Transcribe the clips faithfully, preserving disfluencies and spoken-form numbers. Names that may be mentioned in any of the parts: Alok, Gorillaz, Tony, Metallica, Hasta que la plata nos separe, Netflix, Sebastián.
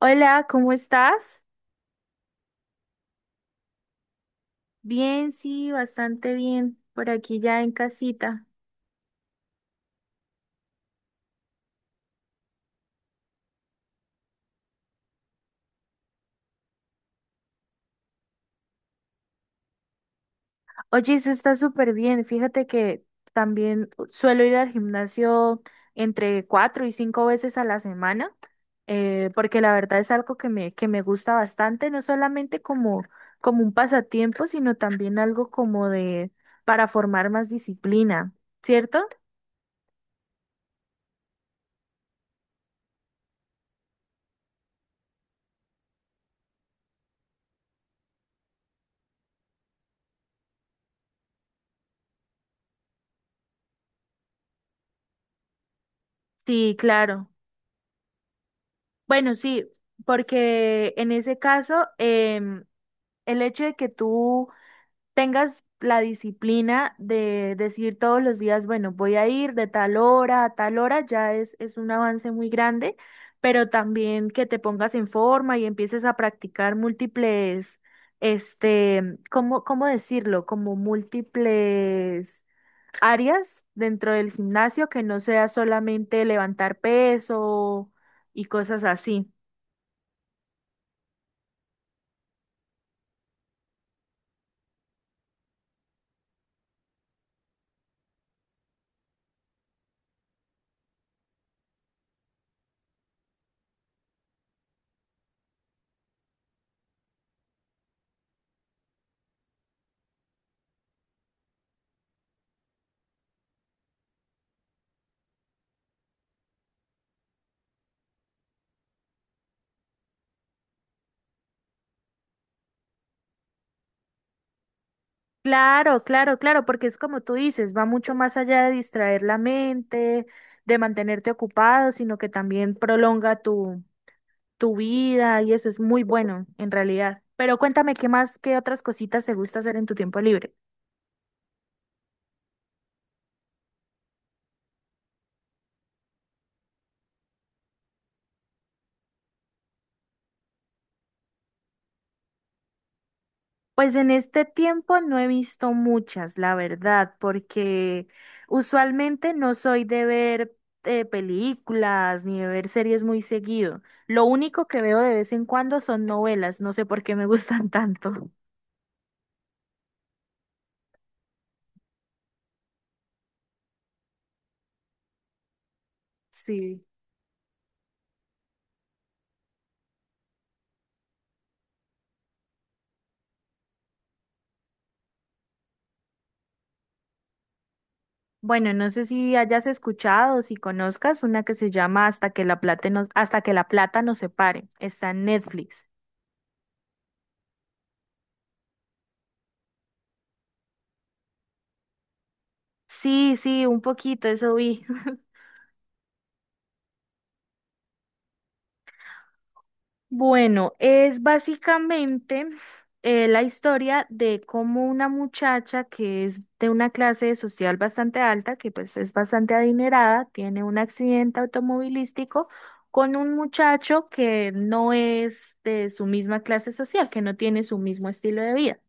Hola, ¿cómo estás? Bien, sí, bastante bien, por aquí ya en casita. Oye, eso está súper bien. Fíjate que también suelo ir al gimnasio entre cuatro y cinco veces a la semana, eh, porque la verdad es algo que me, que me gusta bastante, no solamente como, como un pasatiempo, sino también algo como de para formar más disciplina, ¿cierto? Sí, claro. Bueno, sí, porque en ese caso, em, el hecho de que tú tengas la disciplina de decir todos los días, bueno, voy a ir de tal hora a tal hora, ya es, es un avance muy grande, pero también que te pongas en forma y empieces a practicar múltiples, este, ¿cómo, cómo decirlo? Como múltiples áreas dentro del gimnasio, que no sea solamente levantar peso y cosas así. Claro, claro, claro, porque es como tú dices, va mucho más allá de distraer la mente, de mantenerte ocupado, sino que también prolonga tu, tu vida y eso es muy bueno en realidad. Pero cuéntame qué más, qué otras cositas te gusta hacer en tu tiempo libre. Pues en este tiempo no he visto muchas, la verdad, porque usualmente no soy de ver eh, películas ni de ver series muy seguido. Lo único que veo de vez en cuando son novelas, no sé por qué me gustan tanto. Sí. Bueno, no sé si hayas escuchado, o si conozcas una que se llama Hasta que la plata nos, Hasta que la plata nos separe. Está en Netflix. Sí, sí, un poquito, eso vi. Bueno, es básicamente eh, la historia de cómo una muchacha que es de una clase social bastante alta, que pues es bastante adinerada, tiene un accidente automovilístico con un muchacho que no es de su misma clase social, que no tiene su mismo estilo de vida.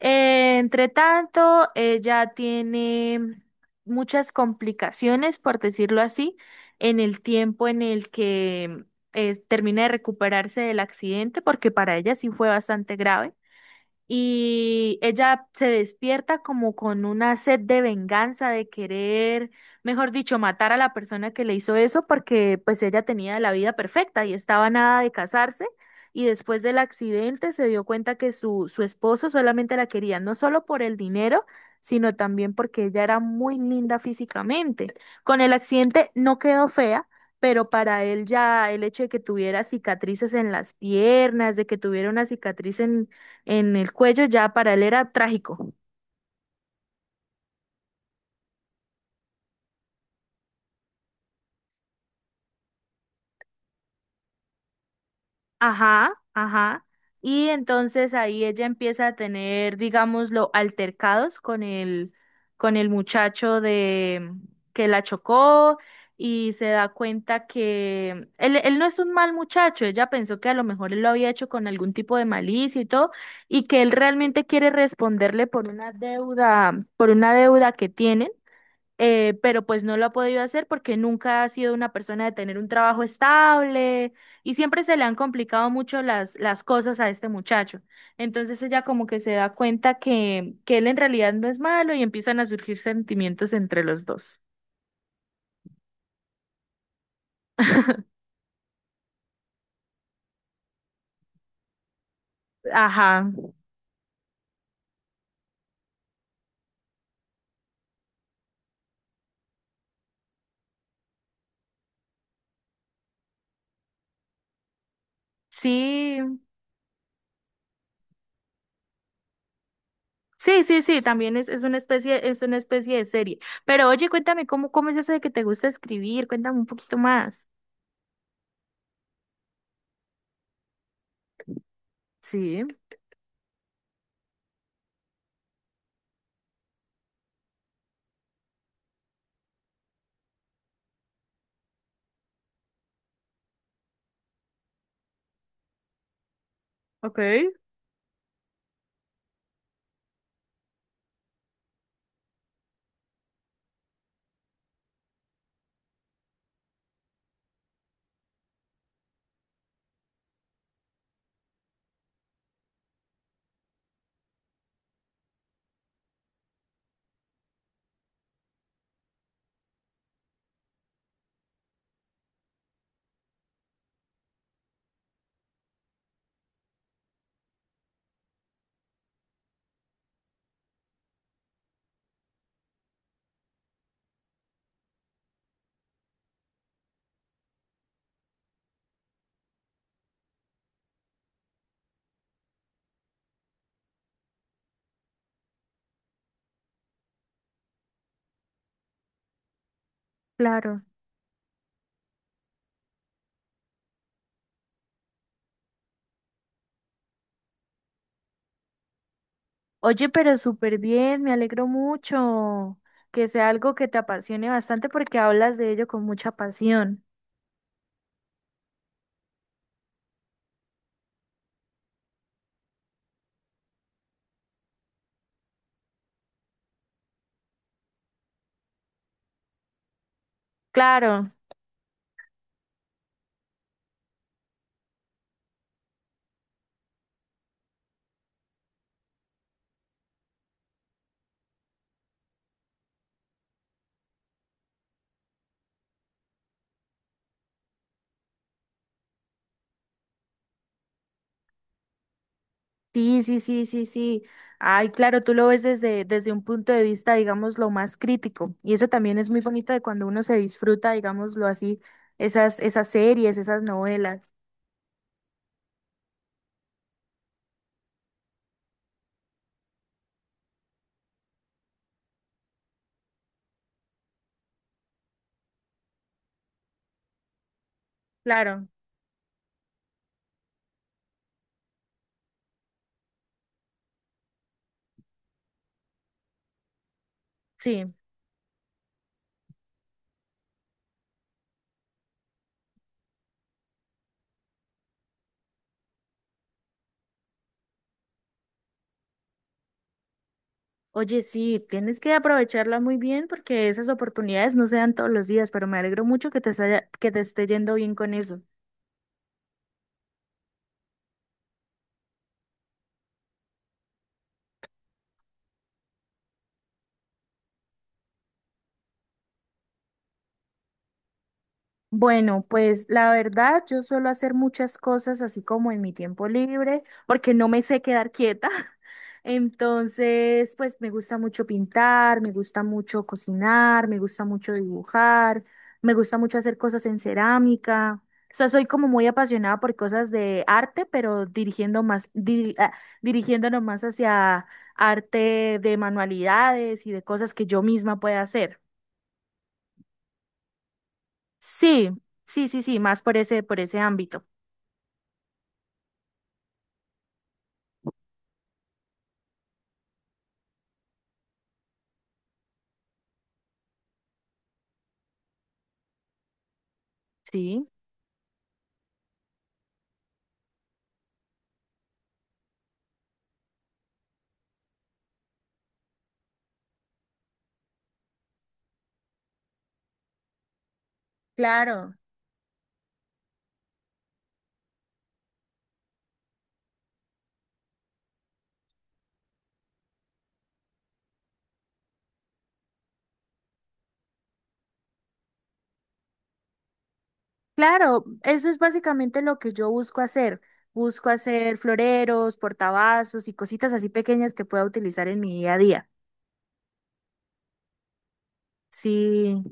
Eh, entre tanto, ella tiene muchas complicaciones, por decirlo así, en el tiempo en el que eh, termina de recuperarse del accidente, porque para ella sí fue bastante grave y ella se despierta como con una sed de venganza, de querer, mejor dicho, matar a la persona que le hizo eso porque pues ella tenía la vida perfecta y estaba a nada de casarse y después del accidente se dio cuenta que su, su esposo solamente la quería no solo por el dinero, sino también porque ella era muy linda físicamente. Con el accidente no quedó fea. Pero para él ya el hecho de que tuviera cicatrices en las piernas, de que tuviera una cicatriz en, en el cuello, ya para él era trágico. Ajá, ajá. Y entonces ahí ella empieza a tener, digámoslo, altercados con el, con el muchacho de que la chocó y se da cuenta que él, él no es un mal muchacho, ella pensó que a lo mejor él lo había hecho con algún tipo de malicia y todo, y que él realmente quiere responderle por una deuda, por una deuda que tienen eh, pero pues no lo ha podido hacer porque nunca ha sido una persona de tener un trabajo estable y siempre se le han complicado mucho las, las cosas a este muchacho. Entonces ella como que se da cuenta que, que él en realidad no es malo y empiezan a surgir sentimientos entre los dos. Ajá, sí. Sí, sí, sí, también es, es una especie, es una especie de serie. Pero oye, cuéntame cómo, cómo es eso de que te gusta escribir, cuéntame un poquito más. Sí, ok, claro. Oye, pero súper bien, me alegro mucho que sea algo que te apasione bastante porque hablas de ello con mucha pasión. Claro, sí, sí, sí, sí, sí. Ay, claro, tú lo ves desde, desde un punto de vista, digamos, lo más crítico. Y eso también es muy bonito de cuando uno se disfruta, digámoslo así, esas, esas series, esas novelas. Claro, sí. Oye, sí, tienes que aprovecharla muy bien porque esas oportunidades no se dan todos los días, pero me alegro mucho que te, haya- que te esté yendo bien con eso. Bueno, pues la verdad, yo suelo hacer muchas cosas así como en mi tiempo libre, porque no me sé quedar quieta. Entonces, pues me gusta mucho pintar, me gusta mucho cocinar, me gusta mucho dibujar, me gusta mucho hacer cosas en cerámica. O sea, soy como muy apasionada por cosas de arte, pero dirigiendo más, diri- ah, dirigiéndonos más hacia arte de manualidades y de cosas que yo misma pueda hacer. Sí, sí, sí, sí, más por ese, por ese ámbito. Sí. Claro, claro, eso es básicamente lo que yo busco hacer. Busco hacer floreros, portavasos y cositas así pequeñas que pueda utilizar en mi día a día. Sí,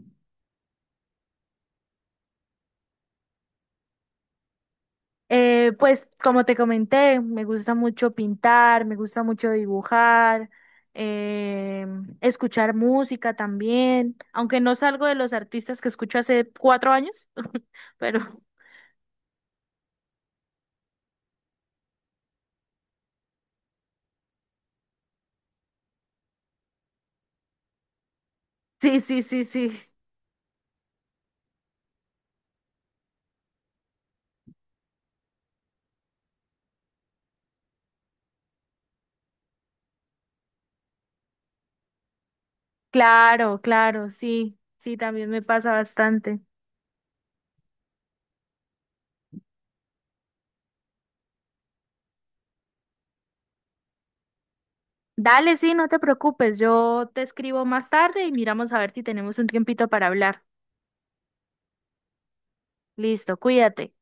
eh, pues como te comenté, me gusta mucho pintar, me gusta mucho dibujar, eh, escuchar música también, aunque no salgo de los artistas que escucho hace cuatro años, pero sí, sí, sí, sí, claro, claro, sí, sí, también me pasa bastante. Dale, sí, no te preocupes, yo te escribo más tarde y miramos a ver si tenemos un tiempito para hablar. Listo, cuídate.